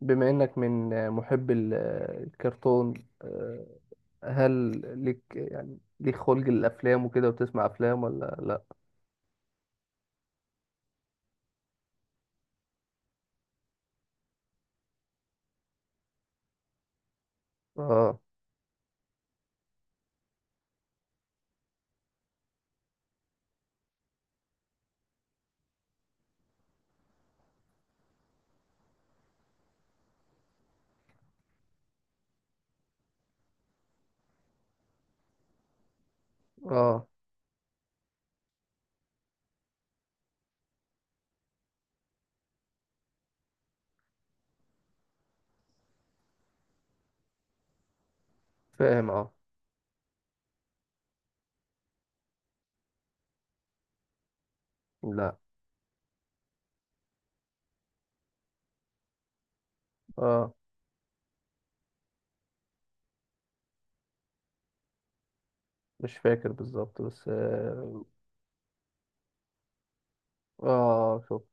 بما إنك من محب الكرتون، آه، هل يعني ليك خلق الأفلام وكده وتسمع أفلام ولا لأ؟ آه آه. فاهم، آه. لأ. آه. مش فاكر بالظبط بس آه. آه، شفت.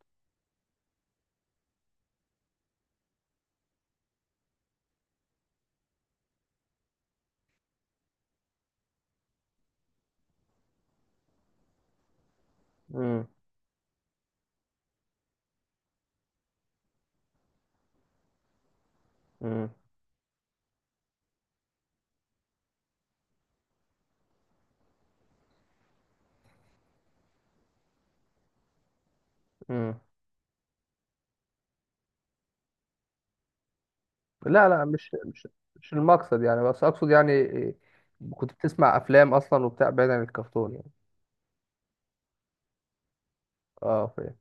مم. مم. مم. لا، لا، مش المقصد يعني، بس أقصد يعني إيه، كنت بتسمع أفلام أصلا وبتاع، بعيد عن الكرتون يعني. آه، فاهم.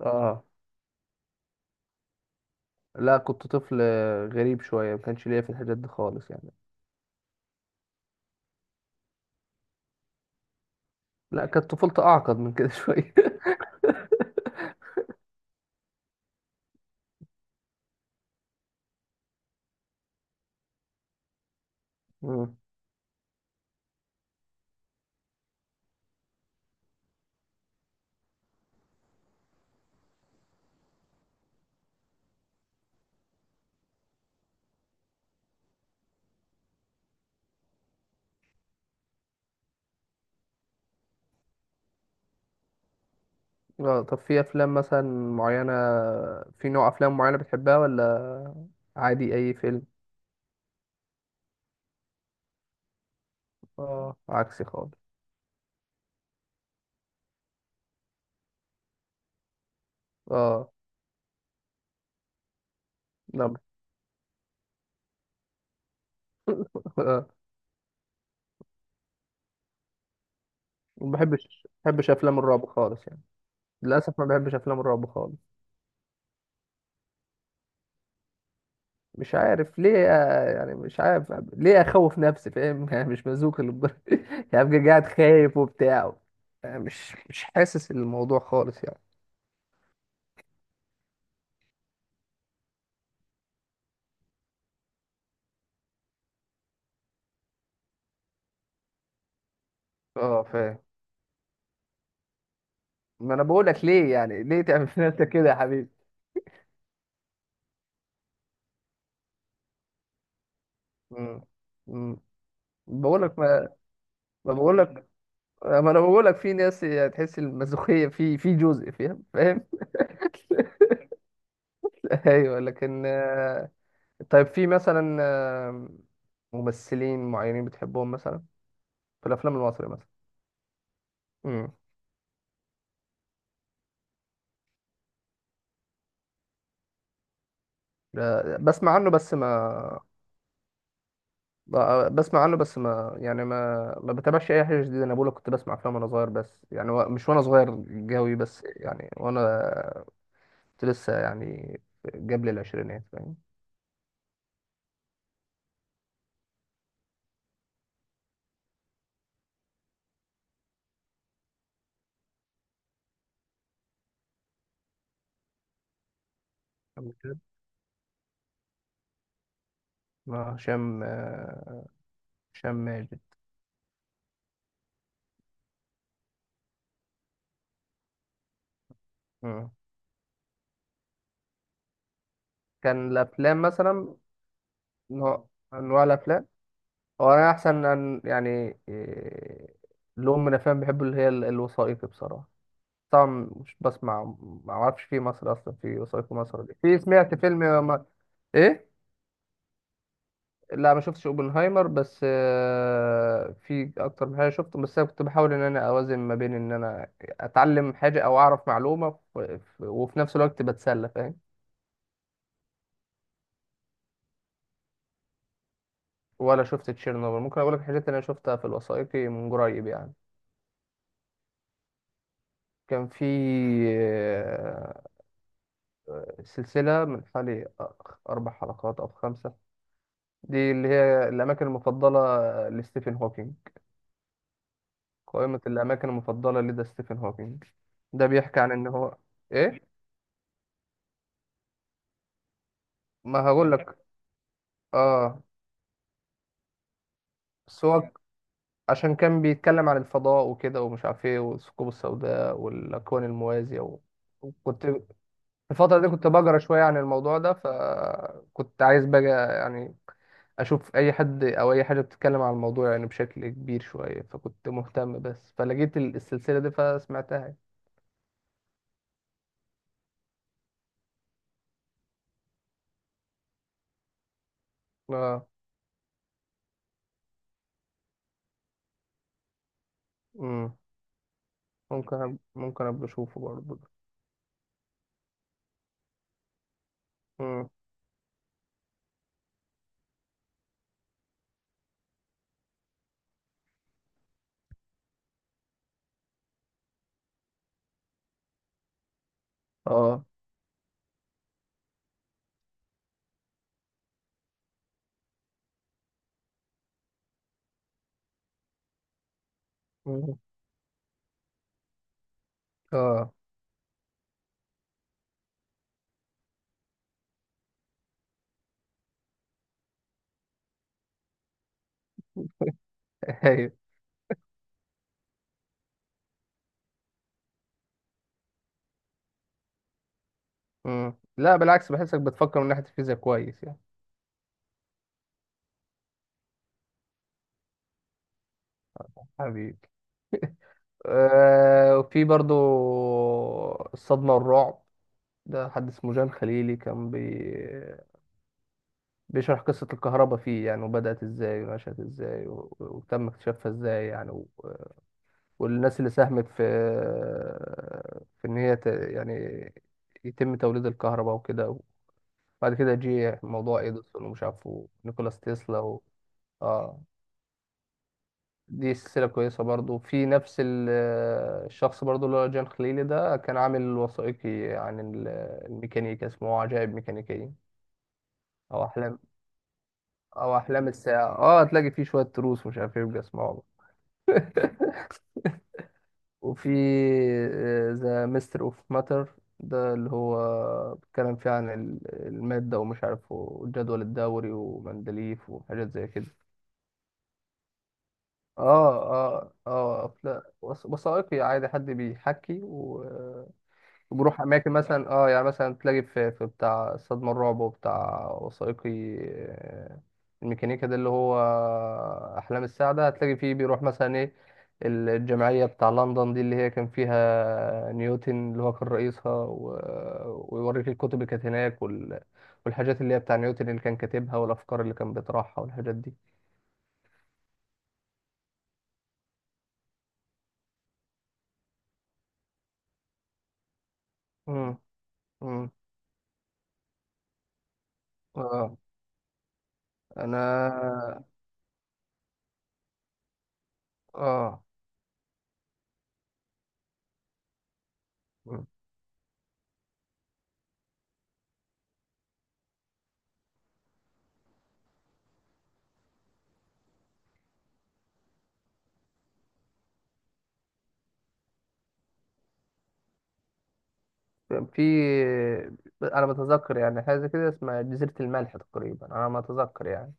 آه، لا كنت طفل غريب شوية، ما كانش ليا في الحاجات دي خالص يعني. لا، كانت طفولتي اعقد من كده شويه. مم. اه، طب في افلام مثلا معينه، في نوع افلام معينه بتحبها، ولا عادي اي فيلم؟ اه، عكسي خالص. اه، لا. آه. ما بحبش افلام الرعب خالص يعني. للاسف ما بحبش افلام الرعب خالص. مش عارف ليه آه، يعني مش عارف ليه اخوف نفسي فاهم يعني مش مزوق للدرجه. يعني ابقى قاعد خايف وبتاع، يعني مش حاسس الموضوع خالص يعني. اه، فاهم. ما انا بقول لك، ليه تعمل في نفسك كده يا حبيبي؟ مم. مم. بقول لك ما ما بقول لك ما انا بقول لك في ناس تحس المسوخيه في جزء، فاهم، فاهم. ايوه، لكن آه، طيب في مثلا آه، ممثلين معينين بتحبهم مثلا، في الافلام المصري مثلا؟ امم. بسمع عنه بس ما... بسمع عنه، بس ما يعني ما بتابعش اي حاجه جديده. انا بقول لك كنت بسمع افلام وانا صغير، بس يعني مش وانا صغير قوي، بس يعني وانا كنت لسه يعني قبل العشرينات فاهم. عم كده. اه، هشام، آه، هشام ماجد. مم. كان الافلام مثلا، نوع انواع الافلام، هو انا احسن أن يعني إيه، لون من الافلام بحبه اللي هي الوثائقي بصراحه. طبعا مش بسمع، ما اعرفش في مصر اصلا في وثائقي، مصر دي في سمعت فيلم ما... ايه. لا، ما شفتش اوبنهايمر، بس في اكتر من حاجه شفته، بس انا كنت بحاول ان انا اوازن ما بين ان انا اتعلم حاجه او اعرف معلومه، وفي نفس الوقت بتسلى فاهم. ولا شفت تشيرنوبل. ممكن اقول لك حاجات انا شفتها في الوثائقي من قريب يعني. كان في آه، سلسله من حوالي 4 حلقات او 5، دي اللي هي الاماكن المفضله لستيفن هوكينج، قائمه الاماكن المفضله لدى ستيفن هوكينج، ده بيحكي عن ان هو. ايه. ما هقول لك. اه، بس هو عشان كان بيتكلم عن الفضاء وكده ومش عارف ايه، والثقوب السوداء والاكوان الموازيه و... وكنت في الفتره دي كنت بقرا شويه عن الموضوع ده، فكنت عايز بقى يعني اشوف اي حد او اي حاجه بتتكلم عن الموضوع يعني بشكل كبير شويه، فكنت مهتم، بس فلقيت السلسله دي فسمعتها يعني. اه. امم. ممكن ابقى اشوفه برضه. امم. اه. مم. اه. ايوه. مم. لا، بالعكس، بحسك بتفكر من ناحيه الفيزياء كويس يعني. حبيبي. آه، وفي برضو الصدمة والرعب، ده حد اسمه جان خليلي كان بيشرح قصة الكهرباء فيه يعني، وبدأت ازاي ونشأت ازاي وتم اكتشافها ازاي يعني، و... والناس اللي ساهمت في، ان هي يعني يتم توليد الكهرباء وكده، وبعد كده جه موضوع اديسون ومش عارف، ونيكولاس تسلا و... اه. دي سلسلة كويسة برضو في نفس الشخص برضو، اللي هو جان خليلي ده كان عامل وثائقي عن الميكانيكا اسمه عجائب ميكانيكية، أو أحلام أو أحلام الساعة. اه، هتلاقي فيه شوية تروس ومش عارف ايه بيبقى اسمه. وفي ذا ميستر اوف ماتر ده، اللي هو بيتكلم فيه عن المادة ومش عارف، والجدول الدوري ومندليف وحاجات زي كده. اه، اه، اه، لا، وثائقي عادي حد بيحكي، بروح اماكن مثلا، اه يعني مثلا تلاقي في بتاع صدمة الرعب وبتاع وثائقي، آه، الميكانيكا ده اللي هو احلام السعدة، هتلاقي فيه بيروح مثلا ايه، الجمعية بتاع لندن دي اللي هي كان فيها نيوتن اللي هو كان رئيسها، ويوريك الكتب اللي كانت هناك، والحاجات اللي هي بتاع نيوتن اللي كان كاتبها، والافكار اللي كان بيطرحها والحاجات دي. امم. امم. اه. انا اه في انا بتذكر يعني حاجه كده اسمها جزيره الملح تقريبا، انا ما اتذكر يعني.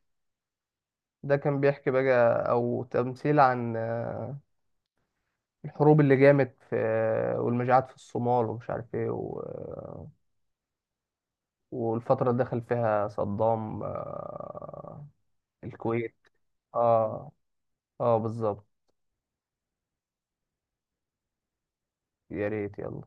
ده كان بيحكي بقى او تمثيل عن الحروب اللي جامت في، والمجاعات في الصومال ومش عارف ايه والفتره اللي دخل فيها صدام، الكويت. اه. اه، بالظبط. يا ريت، يلا.